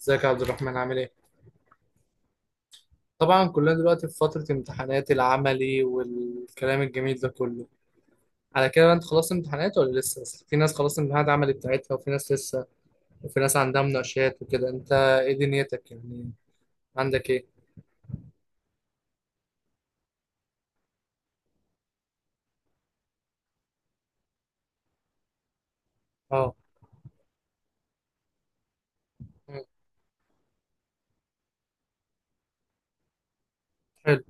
ازيك يا عبد الرحمن، عامل ايه؟ طبعا كلنا دلوقتي في فترة امتحانات العملي والكلام الجميل ده كله. على كده بقى انت خلصت امتحانات ولا لسه؟ بس في ناس خلصت امتحانات العملي بتاعتها وفي ناس لسه، وفي ناس عندها مناقشات وكده. انت ايه دنيتك يعني، عندك ايه؟ اه. مم. حلو.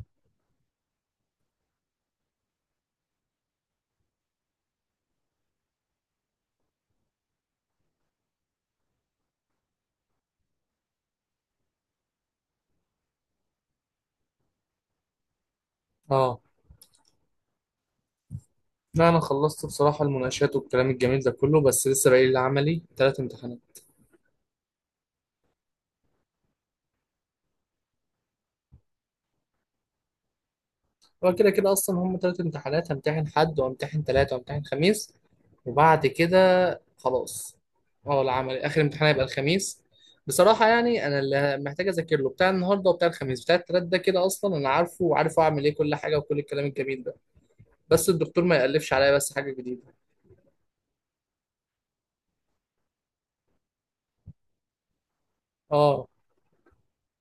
اه، لا انا خلصت بصراحة المناقشات والكلام الجميل ده كله، بس لسه باقي لي العملي ثلاث امتحانات. هو كده كده اصلا هم ثلاث امتحانات، همتحن حد وامتحن ثلاثة وامتحن خميس، وبعد كده خلاص. اه، العملي اخر امتحان هيبقى الخميس. بصراحة يعني انا اللي محتاج اذاكر له بتاع النهارده وبتاع الخميس بتاع التلات ده، كده اصلا انا عارفه وعارف اعمل ايه كل حاجة وكل الكلام الجميل ده، بس الدكتور ما يألفش عليا بس حاجة جديدة. اه.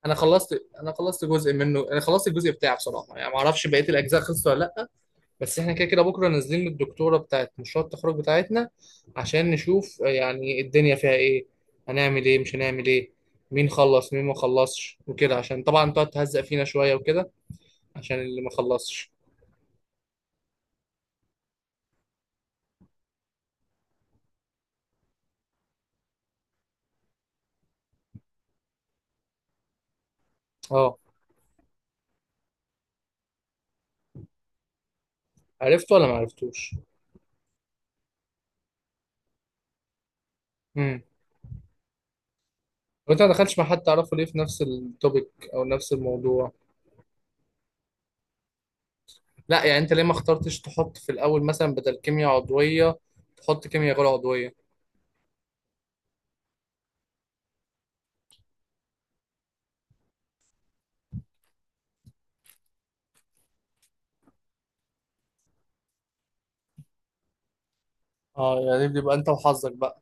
انا خلصت. انا خلصت جزء منه، انا خلصت الجزء بتاعه بصراحة، يعني ما اعرفش بقية الاجزاء خلصت ولا لا. بس احنا كده كده بكره نازلين للدكتوره بتاعت مشروع التخرج بتاعتنا عشان نشوف يعني الدنيا فيها ايه، هنعمل ايه مش هنعمل ايه، مين خلص مين ما خلصش وكده، عشان طبعا تقعد تهزق فينا شويه وكده، عشان اللي ما خلصش. اه. عرفته ولا ما عرفتوش؟ امم. وانت ما دخلتش مع حد تعرفه ليه في نفس التوبيك او نفس الموضوع؟ لا يعني انت ليه ما اخترتش تحط في الاول مثلا، بدل كيمياء عضويه تحط كيمياء غير عضويه؟ اه، يعني دي بيبقى انت وحظك بقى.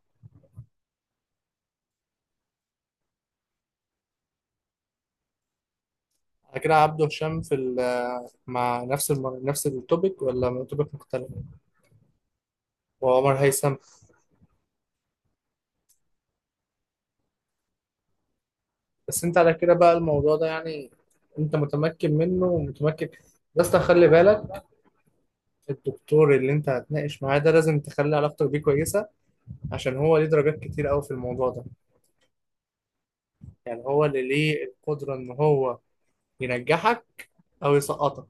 على كده عبده هشام في مع نفس نفس التوبيك ولا توبيك مختلف؟ وعمر هيثم؟ بس انت على كده بقى الموضوع ده يعني، انت متمكن منه ومتمكن. بس خلي بالك، الدكتور اللي انت هتناقش معاه ده لازم تخلي علاقتك بيه كويسة، عشان هو ليه درجات كتير قوي في الموضوع ده، يعني هو اللي ليه القدرة ان هو ينجحك او يسقطك.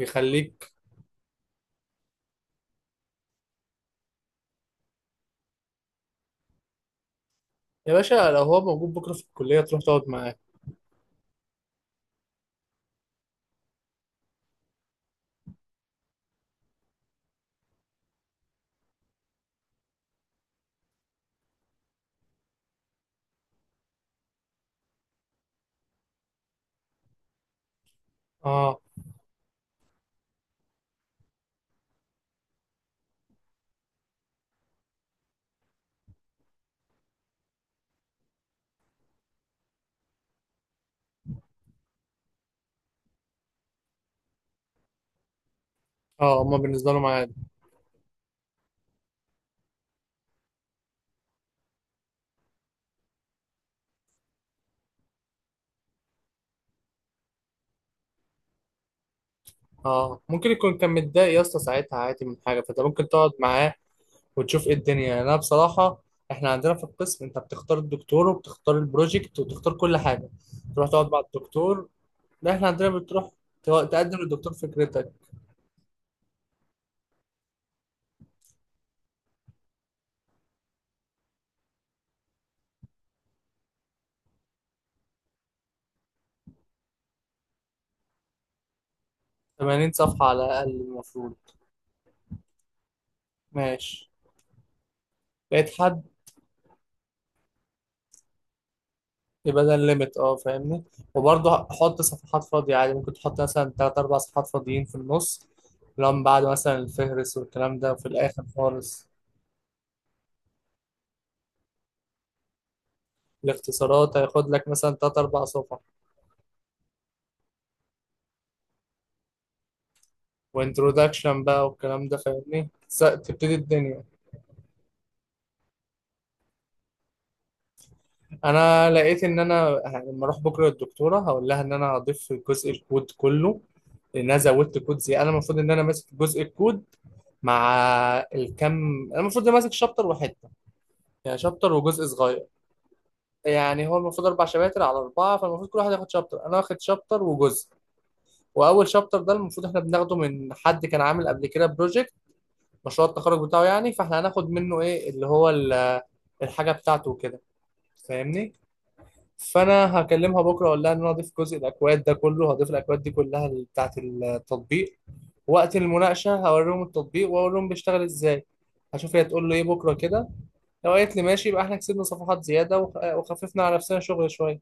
يخليك. يا باشا لو هو موجود بكرة في الكلية تروح تقعد معاه. اه. اه، هما بالنسبة له معاد. اه، ممكن يكون كان متضايق يا اسطى ساعتها عادي من حاجه، فانت ممكن تقعد معاه وتشوف ايه الدنيا. يعني انا بصراحه، احنا عندنا في القسم انت بتختار الدكتور وبتختار البروجكت وبتختار كل حاجه، تروح تقعد مع الدكتور. لا احنا عندنا بتروح، تقدم للدكتور فكرتك. 80 صفحه على الاقل المفروض. ماشي. لقيت حد؟ يبقى ده الليميت، اه فاهمني. وبرضه حط صفحات فاضيه عادي، ممكن تحط مثلا تلات اربع صفحات فاضيين في النص، لو من بعد مثلا الفهرس والكلام ده في الاخر خالص. الاختصارات هياخد لك مثلا تلات أربع صفح، وانترودكشن بقى والكلام ده. فاهمني؟ تبتدي الدنيا. أنا لقيت إن أنا لما أروح بكرة للدكتورة هقول لها إن أنا هضيف جزء الكود كله، لأن أنا زودت كود. زي أنا المفروض إن أنا ماسك جزء الكود مع الكم. أنا المفروض إن ماسك شابتر وحتة، يعني شابتر وجزء صغير. يعني هو المفروض أربع شباتر على أربعة، فالمفروض كل واحد ياخد شابتر، أنا واخد شابتر وجزء. وأول شابتر ده المفروض إحنا بناخده من حد كان عامل قبل كده بروجكت، مشروع التخرج بتاعه يعني، فاحنا هناخد منه ايه اللي هو الحاجه بتاعته وكده. فاهمني؟ فانا هكلمها بكره اقول لها ان انا هضيف جزء الاكواد ده كله، هضيف الاكواد دي كلها بتاعه التطبيق. وقت المناقشه هوريهم التطبيق واقول لهم بيشتغل ازاي. هشوف هي تقول له ايه بكره كده. لو قالت لي ماشي يبقى احنا كسبنا صفحات زياده وخففنا على نفسنا شغل شويه.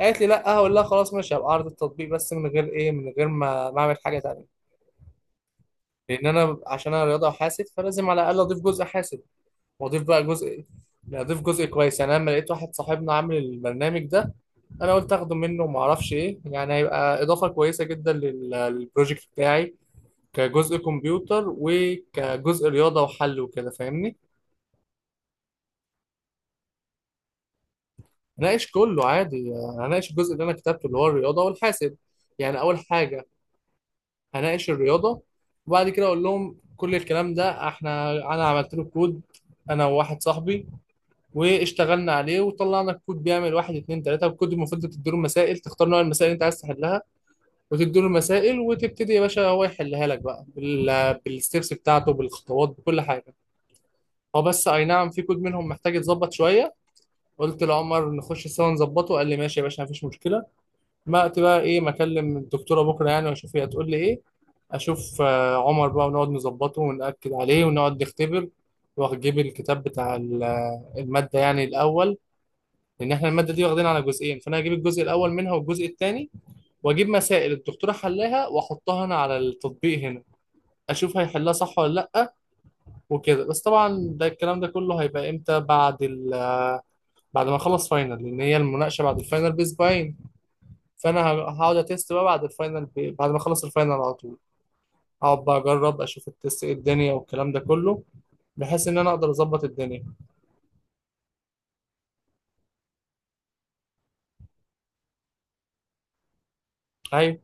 قالت لي لا، هقول لها خلاص ماشي، هبقى اعرض التطبيق بس من غير ايه، من غير ما اعمل حاجه تانيه. لان انا عشان انا رياضه وحاسب، فلازم على الاقل اضيف جزء حاسب واضيف بقى جزء. لا، اضيف جزء كويس، يعني انا لما لقيت واحد صاحبنا عامل البرنامج ده، انا قلت اخده منه وما اعرفش ايه، يعني هيبقى اضافه كويسه جدا للبروجكت بتاعي، كجزء كمبيوتر وكجزء رياضه وحل وكده. فاهمني؟ هناقش كله عادي، هناقش الجزء اللي انا كتبته اللي هو الرياضه والحاسب، يعني اول حاجه هناقش الرياضه، وبعد كده اقول لهم كل الكلام ده. احنا انا عملت له كود، انا وواحد صاحبي، واشتغلنا عليه وطلعنا الكود بيعمل واحد اتنين تلاته. الكود المفروض تديله مسائل، تختار نوع المسائل اللي انت عايز تحلها، وتديله المسائل وتبتدي يا باشا هو يحلها لك بقى بالستبس بتاعته، بالخطوات بكل حاجه. هو بس اي نعم في كود منهم محتاج يتظبط شويه، قلت لعمر نخش سوا نظبطه، قال لي ماشي يا باشا مفيش مشكله. ما وقت بقى ايه، ما اكلم الدكتوره بكره يعني واشوف هي هتقول لي ايه، اشوف عمر بقى، ونقعد نظبطه ونأكد عليه ونقعد نختبر، واجيب الكتاب بتاع الماده يعني الاول. لان احنا الماده دي واخدينها على جزئين، فانا هجيب الجزء الاول منها والجزء الثاني، واجيب مسائل الدكتوره حلاها واحطها انا على التطبيق هنا، اشوف هيحلها صح ولا لا وكده. بس طبعا ده الكلام ده كله هيبقى امتى؟ بعد ال، بعد ما اخلص فاينل، لان هي المناقشه بعد الفاينل باسبوعين، فانا هقعد اتست بقى بعد الفاينل بعد ما اخلص الفاينل على طول. هقعد بقى اجرب اشوف التست ايه الدنيا والكلام ده كله، بحيث ان انا اقدر اظبط الدنيا. ايوه.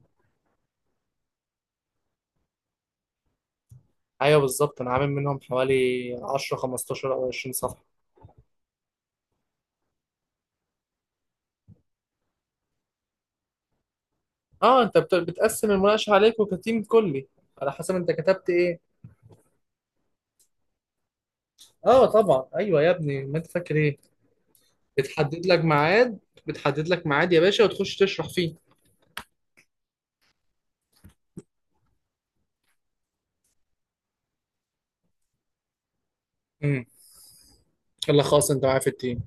ايوه بالظبط، انا عامل منهم حوالي 10 15 او 20 صفحه. اه، انت بتقسم المناقشه عليكم كتيم كلي، على حسب انت كتبت ايه. اه طبعا، ايوه يا ابني ما انت فاكر ايه، بتحدد لك ميعاد، بتحدد لك ميعاد يا باشا وتخش تشرح فيه. امم. يلا خلاص انت معايا في التيم.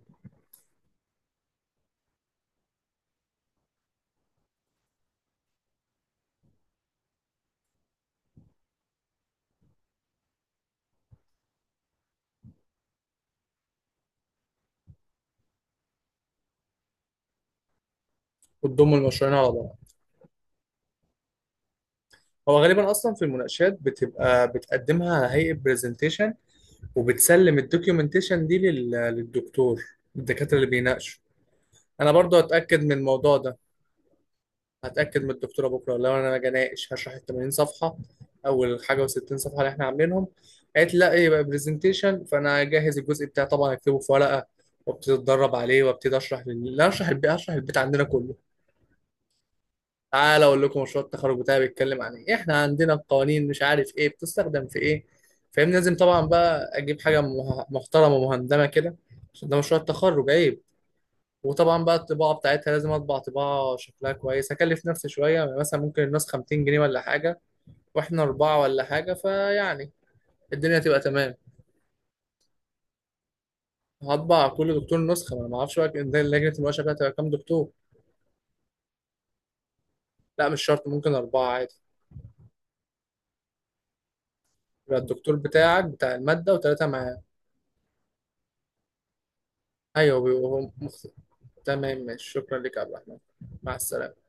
وتضم المشروعين على بعض. هو غالبا اصلا في المناقشات بتبقى بتقدمها على هيئه برزنتيشن، وبتسلم الدوكيومنتيشن دي للدكتور، الدكاتره اللي بيناقشوا. انا برضو هتاكد من الموضوع ده، هتأكد من الدكتورة بكرة لو أنا أجي أناقش هشرح ال 80 صفحة أول حاجة، و60 صفحة اللي إحنا عاملينهم. قالت لي لا إيه يبقى برزنتيشن، فأنا أجهز الجزء بتاعي طبعا، أكتبه في ورقة وابتدي أتدرب عليه، وابتدي أشرح لا، أشرح البيت، أشرح البيت عندنا كله. تعالى أقول لكم مشروع التخرج بتاعي بيتكلم عن إيه، إحنا عندنا القوانين مش عارف إيه بتستخدم في إيه. فاهم؟ لازم طبعا بقى أجيب حاجة محترمة مهندمة كده، عشان ده مشروع التخرج أيوه. وطبعا بقى الطباعه بتاعتها لازم اطبع طباعه شكلها كويس، هكلف نفسي شويه، يعني مثلا ممكن النسخه 200 جنيه ولا حاجه، واحنا اربعه ولا حاجه، فيعني الدنيا تبقى تمام. هطبع كل دكتور نسخه، ما انا ما اعرفش بقى إن ده لجنه المناقشه بقى تبقى كام دكتور. لا مش شرط، ممكن اربعه عادي، يبقى الدكتور بتاعك بتاع الماده وثلاثه معاه. ايوه بيبقوا هم تمام ماشي، شكرا لك يا عبد الرحمن، مع السلامه.